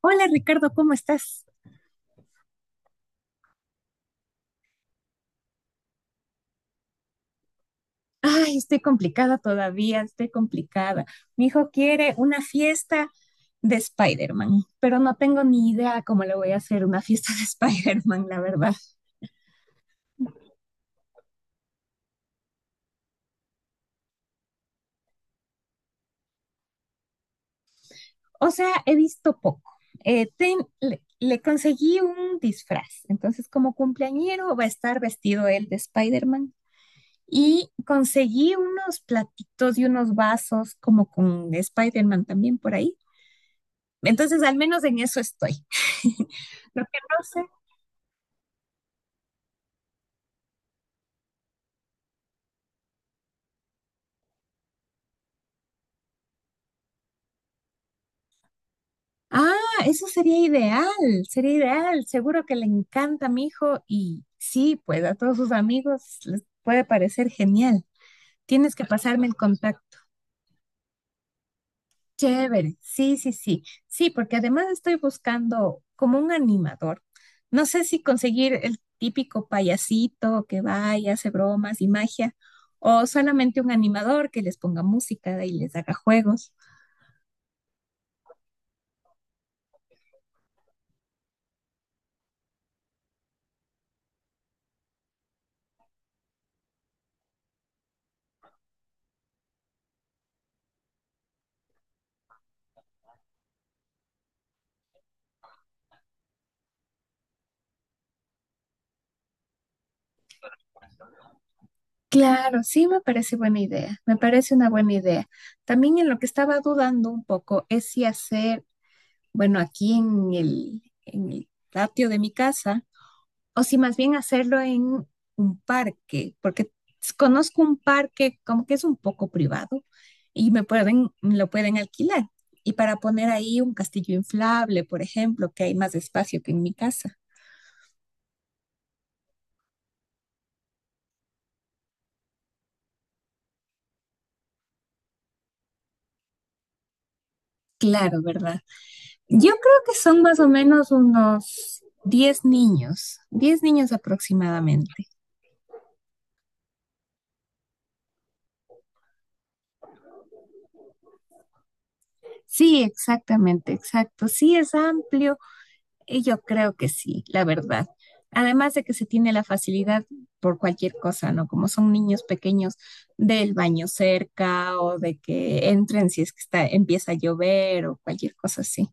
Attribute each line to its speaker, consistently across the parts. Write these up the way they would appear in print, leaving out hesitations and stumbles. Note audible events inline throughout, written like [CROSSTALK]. Speaker 1: Hola Ricardo, ¿cómo estás? Ay, estoy complicada todavía, estoy complicada. Mi hijo quiere una fiesta de Spider-Man, pero no tengo ni idea cómo le voy a hacer una fiesta de [LAUGHS] Spider-Man, la verdad. O sea, he visto poco. Le conseguí un disfraz, entonces como cumpleañero va a estar vestido él de Spider-Man. Y conseguí unos platitos y unos vasos como con Spider-Man también por ahí. Entonces, al menos en eso estoy. [LAUGHS] Lo que no sé. Ah, eso sería ideal, sería ideal. Seguro que le encanta a mi hijo y sí, pues a todos sus amigos les puede parecer genial. Tienes que pasarme el contacto. Chévere, sí, sí, sí. Sí, porque además estoy buscando como un animador. No sé si conseguir el típico payasito que va y hace bromas y magia, o solamente un animador que les ponga música y les haga juegos. Claro, sí me parece buena idea, me parece una buena idea. También en lo que estaba dudando un poco es si hacer, bueno, aquí en el patio de mi casa, o si más bien hacerlo en un parque, porque conozco un parque como que es un poco privado y lo pueden alquilar. Y para poner ahí un castillo inflable, por ejemplo, que hay más espacio que en mi casa. Claro, ¿verdad? Yo creo que son más o menos unos 10 niños, 10 niños aproximadamente. Sí, exactamente, exacto. Sí, es amplio. Y yo creo que sí, la verdad. Además de que se tiene la facilidad por cualquier cosa, ¿no? Como son niños pequeños del baño cerca o de que entren si es que empieza a llover o cualquier cosa así.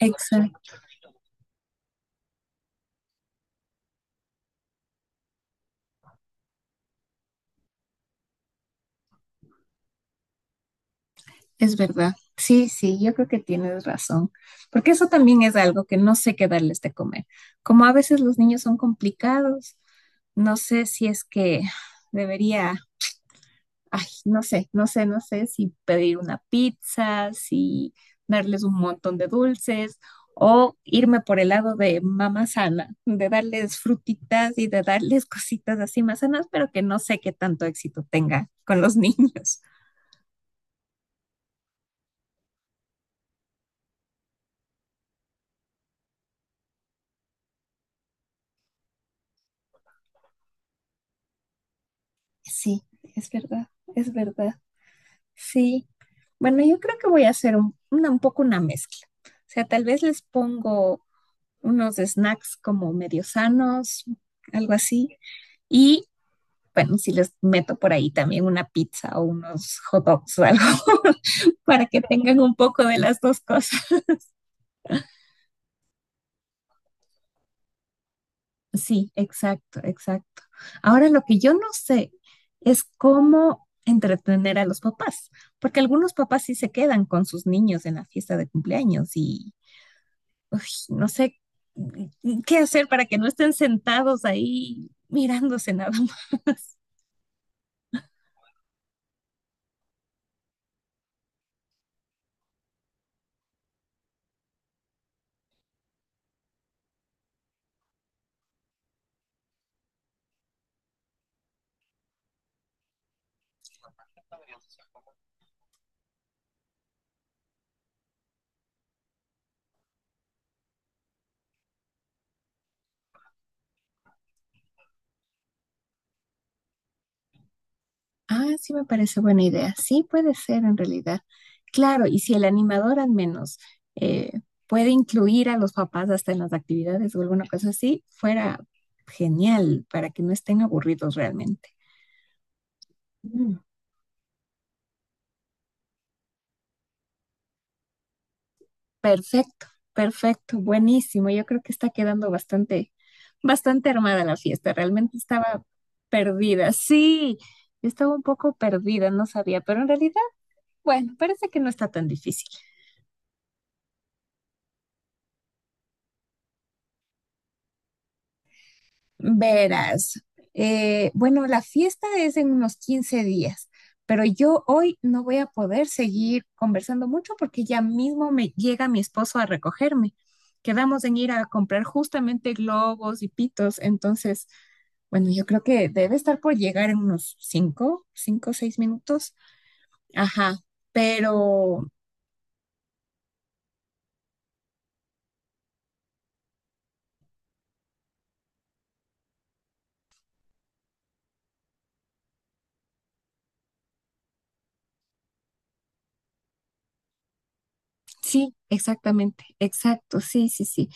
Speaker 1: Exacto. Es verdad. Sí, sí, yo creo que tienes razón, porque eso también es algo que no sé qué darles de comer. Como a veces los niños son complicados, no sé si es que debería, ay, no sé, no sé, no sé si pedir una pizza, si darles un montón de dulces o irme por el lado de mamá sana, de darles frutitas y de darles cositas así más sanas, pero que no sé qué tanto éxito tenga con los [LAUGHS] niños. Sí, es verdad, es verdad. Sí, bueno, yo creo que voy a hacer un poco una mezcla. O sea, tal vez les pongo unos snacks como medio sanos, algo así. Y bueno, si les meto por ahí también una pizza o unos hot dogs o algo, [LAUGHS] para que tengan un poco de las dos cosas. Sí, exacto, exacto. Ahora lo que yo no sé es cómo entretener a los papás, porque algunos papás sí se quedan con sus niños en la fiesta de cumpleaños. Uy, no sé qué hacer para que no estén sentados ahí mirándose nada más. [LAUGHS] Ah, sí me parece buena idea. Sí puede ser en realidad. Claro, y si el animador al menos eh, puede incluir a los papás hasta en las actividades o alguna cosa así, fuera genial para que no estén aburridos realmente. Mm. Perfecto, perfecto, buenísimo. Yo creo que está quedando bastante, bastante armada la fiesta. Realmente estaba perdida. Sí, estaba un poco perdida, no sabía, pero en realidad, bueno, parece que no está tan difícil. Verás, bueno, la fiesta es en unos 15 días, pero yo hoy no voy a poder seguir conversando mucho porque ya mismo me llega mi esposo a recogerme. Quedamos en ir a comprar justamente globos y pitos, entonces, bueno, yo creo que debe estar por llegar en unos cinco, o 6 minutos. Ajá, pero. Sí, exactamente, exacto, sí, sí, sí.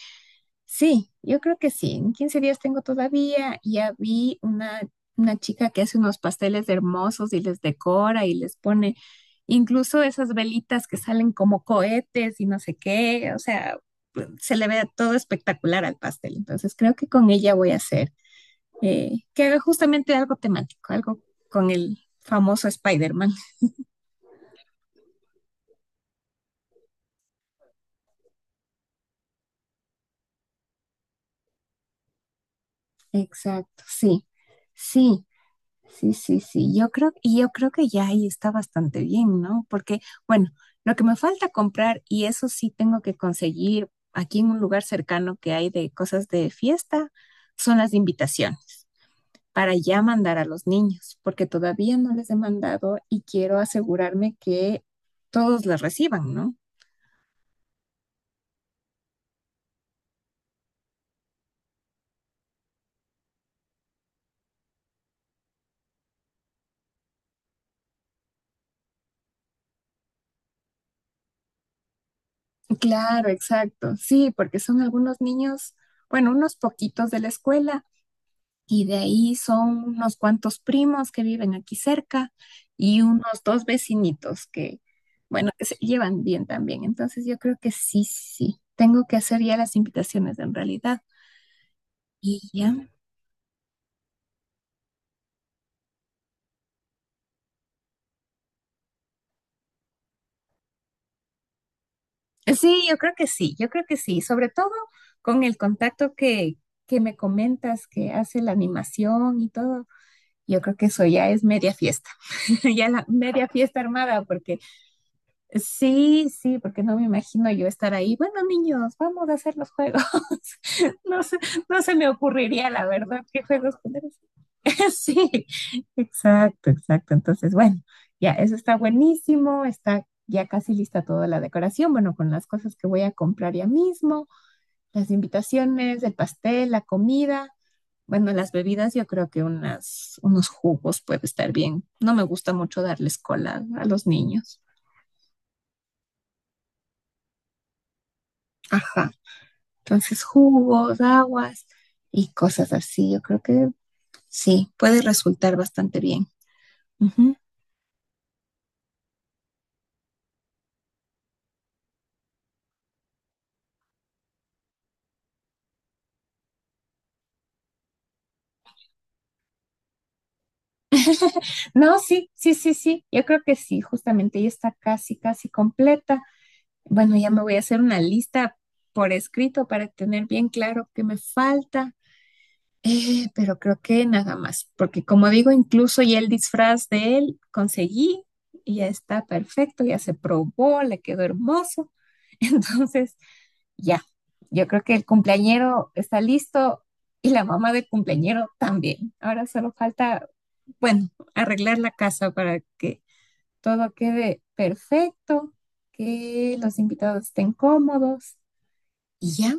Speaker 1: Sí, yo creo que sí. En 15 días tengo todavía. Ya vi una chica que hace unos pasteles hermosos y les decora y les pone incluso esas velitas que salen como cohetes y no sé qué. O sea, se le ve todo espectacular al pastel. Entonces creo que con ella voy a hacer que haga justamente algo temático, algo con el famoso Spider-Man. Exacto, sí, sí. Sí, sí, sí, yo creo, y yo creo que ya ahí está bastante bien, ¿no? Porque, bueno, lo que me falta comprar, y eso sí tengo que conseguir aquí en un lugar cercano que hay de cosas de fiesta, son las invitaciones para ya mandar a los niños, porque todavía no les he mandado y quiero asegurarme que todos las reciban, ¿no? Claro, exacto, sí, porque son algunos niños, bueno, unos poquitos de la escuela. Y de ahí son unos cuantos primos que viven aquí cerca y unos dos vecinitos que, bueno, que se llevan bien también. Entonces yo creo que sí, sí, tengo que hacer ya las invitaciones en realidad. Y ya. Sí, yo creo que sí, yo creo que sí. Sobre todo con el contacto que me comentas que hace la animación y todo. Yo creo que eso ya es media fiesta, [LAUGHS] ya la media fiesta armada, porque. Sí, sí, porque no me imagino yo estar ahí. Bueno, niños, vamos a hacer los juegos. [LAUGHS] No se, no se, me ocurriría, la verdad, qué juegos poner. [LAUGHS] Sí, exacto, exacto. Entonces, bueno, ya, eso está buenísimo, está ya casi lista toda la decoración, bueno, con las cosas que voy a comprar ya mismo, las invitaciones, el pastel, la comida, bueno, las bebidas, yo creo que unos jugos puede estar bien. No me gusta mucho darles cola a los niños. Ajá. Entonces, jugos, aguas y cosas así. Yo creo que sí, puede resultar bastante bien. Ujú. No, sí, sí, sí, sí. Yo creo que sí, justamente ya está casi, casi completa. Bueno, ya me voy a hacer una lista por escrito para tener bien claro qué me falta. Pero creo que nada más, porque como digo, incluso ya el disfraz de él conseguí y ya está perfecto, ya se probó, le quedó hermoso. [LAUGHS] Entonces, ya, yo creo que el cumpleañero está listo y la mamá del cumpleañero también. Ahora solo falta, bueno, arreglar la casa para que todo quede perfecto, que los invitados estén cómodos y ya,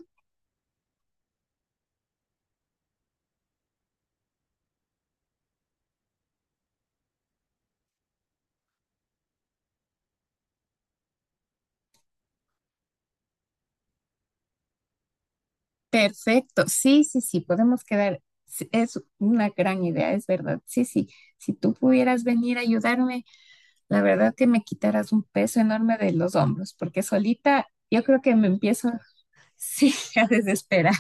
Speaker 1: perfecto. Sí, sí, sí, podemos quedar. Sí, es una gran idea, es verdad. Sí, sí, si tú pudieras venir a ayudarme, la verdad que me quitaras un peso enorme de los hombros, porque solita yo creo que me empiezo, sí, [LAUGHS] a desesperar.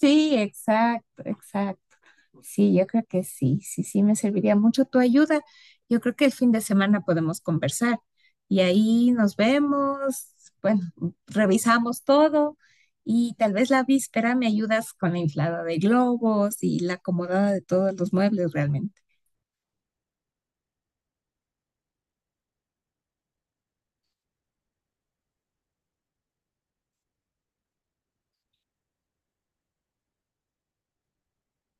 Speaker 1: Sí, exacto, exacto. Sí, yo creo que sí, sí, sí, me serviría mucho tu ayuda. Yo creo que el fin de semana podemos conversar y ahí nos vemos, bueno, revisamos todo y tal vez la víspera me ayudas con la inflada de globos y la acomodada de todos los muebles realmente.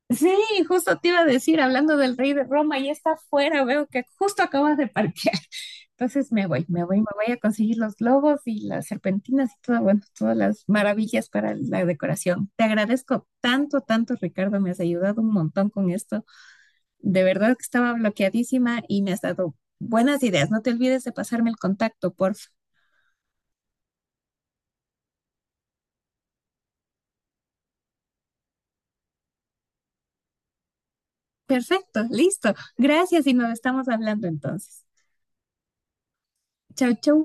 Speaker 1: Sí, justo te iba a decir, hablando del rey de Roma, ya está afuera, veo que justo acabas de parquear. [LAUGHS] Entonces me voy, me voy, me voy a conseguir los globos y las serpentinas y todo, bueno, todas las maravillas para la decoración. Te agradezco tanto, tanto, Ricardo, me has ayudado un montón con esto. De verdad que estaba bloqueadísima y me has dado buenas ideas. No te olvides de pasarme el contacto, por favor. Perfecto, listo. Gracias y nos estamos hablando entonces. Chau, chau.